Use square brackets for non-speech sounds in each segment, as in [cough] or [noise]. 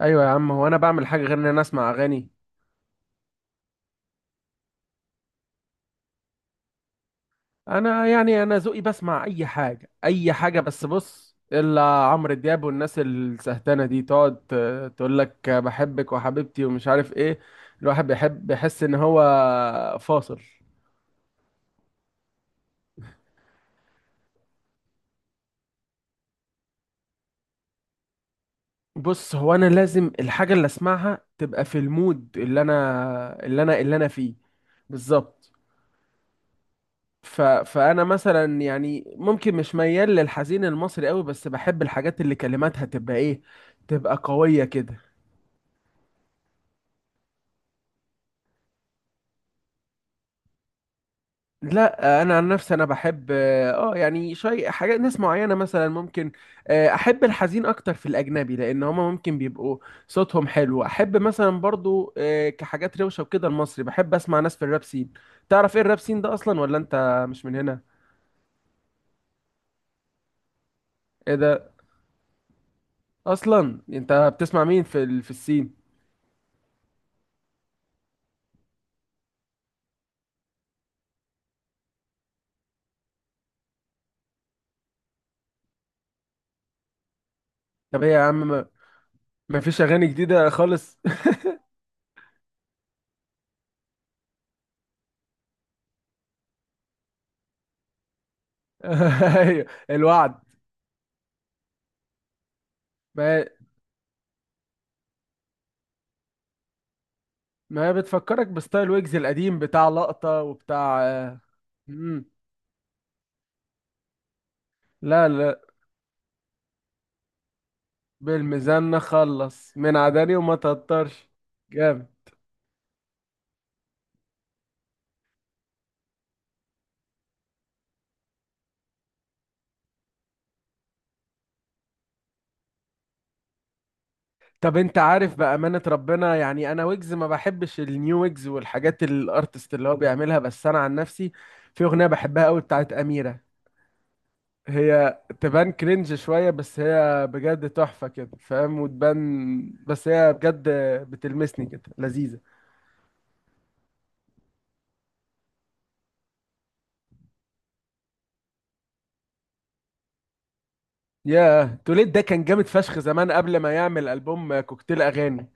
ايوه يا عم، هو انا بعمل حاجه غير ان انا اسمع اغاني؟ انا ذوقي بسمع اي حاجه اي حاجه. بس بص، الا عمرو دياب والناس السهتانه دي تقعد تقول لك بحبك وحبيبتي ومش عارف ايه. الواحد بيحب، بيحس ان هو فاصل. بص، هو انا لازم الحاجه اللي اسمعها تبقى في المود اللي انا فيه. بالظبط. فانا مثلا يعني ممكن مش ميال للحزين المصري قوي، بس بحب الحاجات اللي كلماتها تبقى ايه، تبقى قوية كده. لا، انا عن نفسي انا بحب، يعني شيء، حاجات ناس معينه مثلا ممكن. احب الحزين اكتر في الاجنبي، لان هما ممكن بيبقوا صوتهم حلو. احب مثلا برضو كحاجات روشه وكده. المصري بحب اسمع ناس في الراب سين. تعرف ايه الراب سين ده اصلا، ولا انت مش من هنا؟ ايه ده؟ اصلا انت بتسمع مين في السين؟ طب ايه يا عم، مفيش اغاني جديده خالص؟ [laughs] ايوه، الوعد. ما ما بتفكرك بستايل ويجز القديم بتاع لقطه وبتاع مم. لا لا، بالميزان نخلص من عداني وما تضطرش. جامد. طب انت عارف بأمانة ربنا، يعني انا ويجز ما بحبش النيو ويجز والحاجات الارتست اللي هو بيعملها، بس انا عن نفسي في اغنية بحبها قوي بتاعت أميرة. هي تبان كرنج شوية، بس هي بجد تحفة كده، فاهم؟ وتبان، بس هي بجد بتلمسني كده، لذيذة. ياه، توليد ده كان جامد فشخ زمان قبل ما يعمل ألبوم كوكتيل أغاني.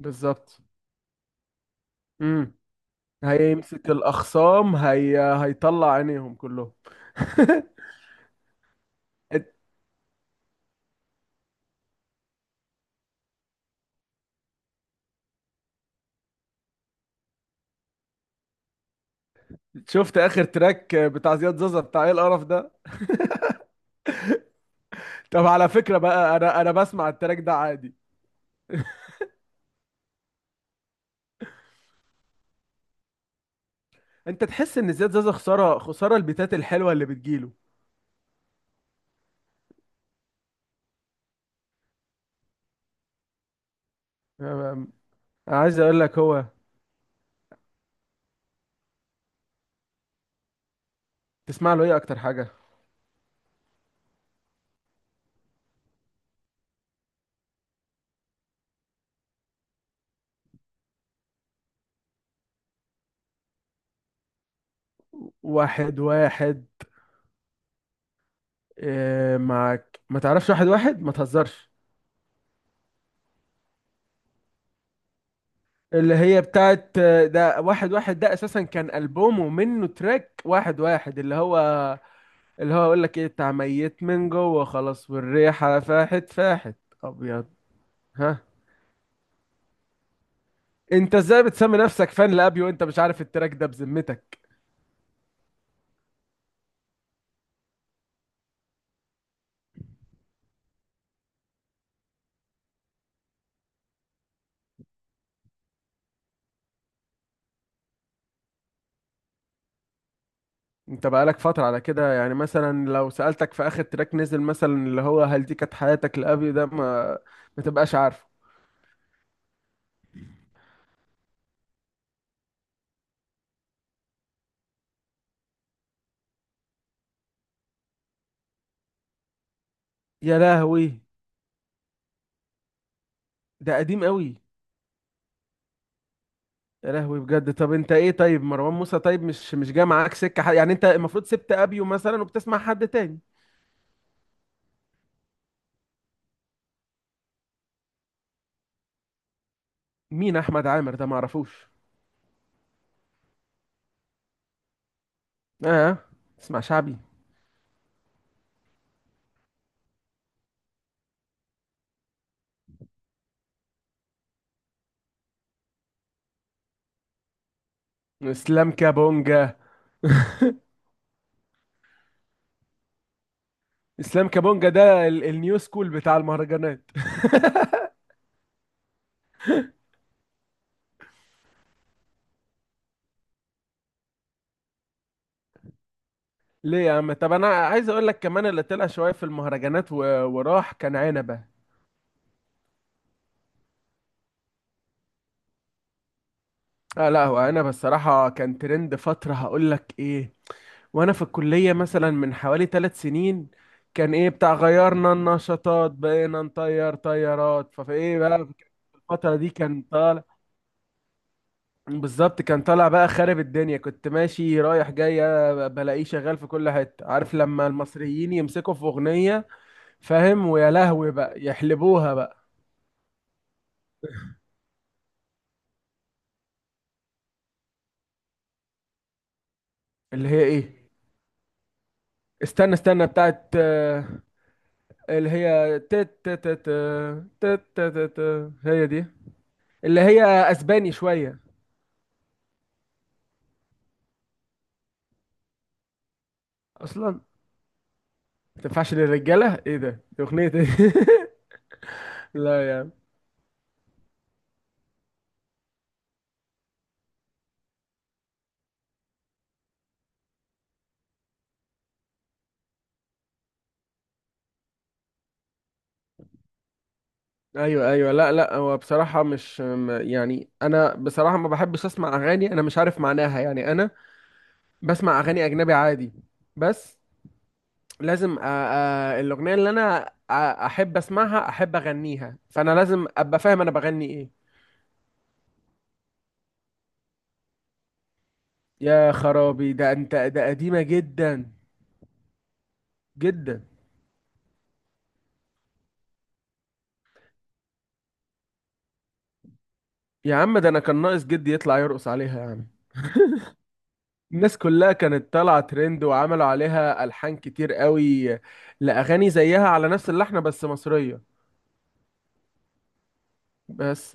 بالظبط. امم. هيمسك الأخصام، هيطلع عينيهم كلهم. [laughs] إت- شفت آخر تراك بتاع زياد زازا؟ بتاع ايه القرف ده؟ طب على فكرة بقى، أنا بسمع التراك ده عادي. أنت تحس إن زياد زازا خسارة؟ خسارة البيتات الحلوة اللي بتجيله. عايز اقول لك هو، تسمع له ايه اكتر حاجه؟ واحد واحد. إيه معاك، ما تعرفش واحد واحد؟ ما تهزرش. اللي هي بتاعت ده. واحد واحد ده اساسا كان البومه منه تراك واحد واحد، اللي هو اقول لك ايه، بتاع ميت من جوه خلاص والريحه فاحت فاحت. ابيض. ها؟ انت ازاي بتسمي نفسك فان لابيو وانت مش عارف التراك ده بذمتك؟ انت بقالك فترة على كده، يعني مثلا لو سألتك في آخر تراك نزل مثلا، اللي هو هل دي كانت حياتك لأبي ده، ما تبقاش عارفه. يا لهوي، ده قديم قوي. يا لهوي بجد. طب انت ايه طيب، مروان موسى طيب، مش جاي معاك سكة يعني؟ انت المفروض سبت ابيو مثلا وبتسمع حد تاني. مين احمد عامر ده؟ معرفوش. اه، اسمع شعبي. اسلام كابونجا. اسلام كابونجا ده النيو سكول بتاع المهرجانات. [laughs] ليه يا عم؟ طب انا عايز اقول لك كمان، اللي طلع شوية في المهرجانات وراح كان عنبة. لا لا، هو انا بصراحة كان ترند فترة، هقول لك ايه. وانا في الكلية مثلا من حوالي 3 سنين، كان ايه بتاع غيرنا النشاطات، بقينا نطير طيارات. ففي ايه بقى، في الفترة دي كان طالع. بالظبط، كان طالع بقى خارب الدنيا. كنت ماشي رايح جاي أنا بلاقيه شغال في كل حتة. عارف لما المصريين يمسكوا في اغنية، فاهم؟ ويا لهوي بقى يحلبوها بقى. اللي هي ايه؟ استنى استنى، بتاعت اللي هي تت تت تت، تت تت هي دي. اللي هي اسباني شويه. اصلا ما تنفعش للرجاله؟ ايه ده، دي اغنيه ايه؟ [laughs] لا يعني. ايوه ايوه، لا لا، هو بصراحه مش يعني، انا بصراحه ما بحبش اسمع اغاني انا مش عارف معناها. يعني انا بسمع اغاني اجنبي عادي، بس لازم الاغنيه اللي انا احب اسمعها، احب اغنيها، فانا لازم ابقى فاهم انا بغني ايه. يا خرابي، ده انت ده قديمه جدا، جدا. يا عم، ده انا كان ناقص جدي يطلع يرقص عليها يا عم. الناس كلها كانت طالعه ترند وعملوا عليها الحان كتير قوي لاغاني زيها على نفس اللحن، بس مصريه. بس.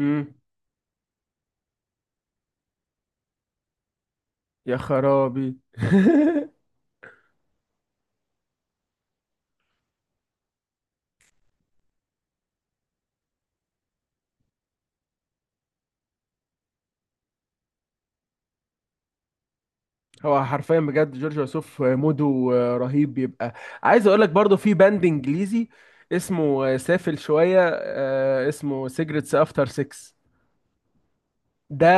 امم. يا خرابي. [laughs] هو حرفيا بجد جورج وسوف موده رهيب بيبقى. عايز اقول لك برضه، في باند انجليزي اسمه سافل شويه، اسمه سيجرتس افتر 6، ده.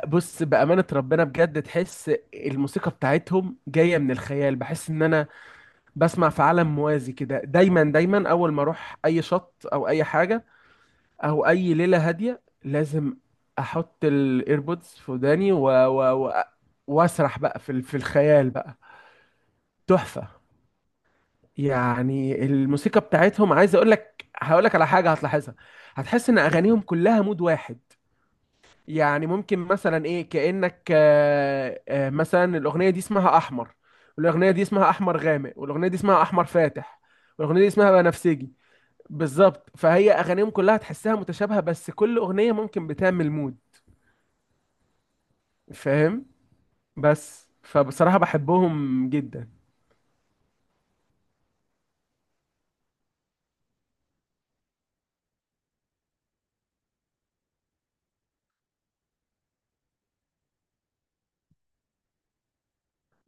بص، بأمانة ربنا بجد تحس الموسيقى بتاعتهم جاية من الخيال. بحس ان انا بسمع في عالم موازي كده. دايما دايما اول ما اروح اي شط او اي حاجه او اي ليله هاديه، لازم احط الايربودز في وداني واسرح بقى في الخيال بقى. تحفه. يعني الموسيقى بتاعتهم، عايز اقول لك هقول لك على حاجه هتلاحظها. هتحس ان اغانيهم كلها مود واحد. يعني ممكن مثلا ايه، كانك مثلا الاغنيه دي اسمها احمر، والاغنيه دي اسمها احمر غامق، والاغنيه دي اسمها احمر فاتح، والاغنيه دي اسمها بنفسجي. بالظبط. فهي اغانيهم كلها تحسها متشابهه، بس كل اغنيه ممكن بتعمل مود، فاهم؟ بس، فبصراحه بحبهم جدا.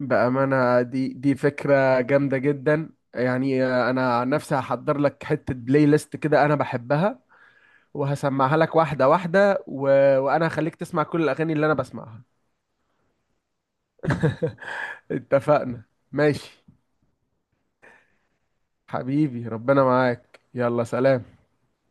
بامانه، دي فكره جامده جدا. يعني انا عن نفسي هحضر لك حته بلاي ليست كده انا بحبها وهسمعها لك واحده واحده وانا هخليك تسمع كل الاغاني اللي انا بسمعها. اتفقنا. ماشي. حبيبي، ربنا معاك، يلا سلام.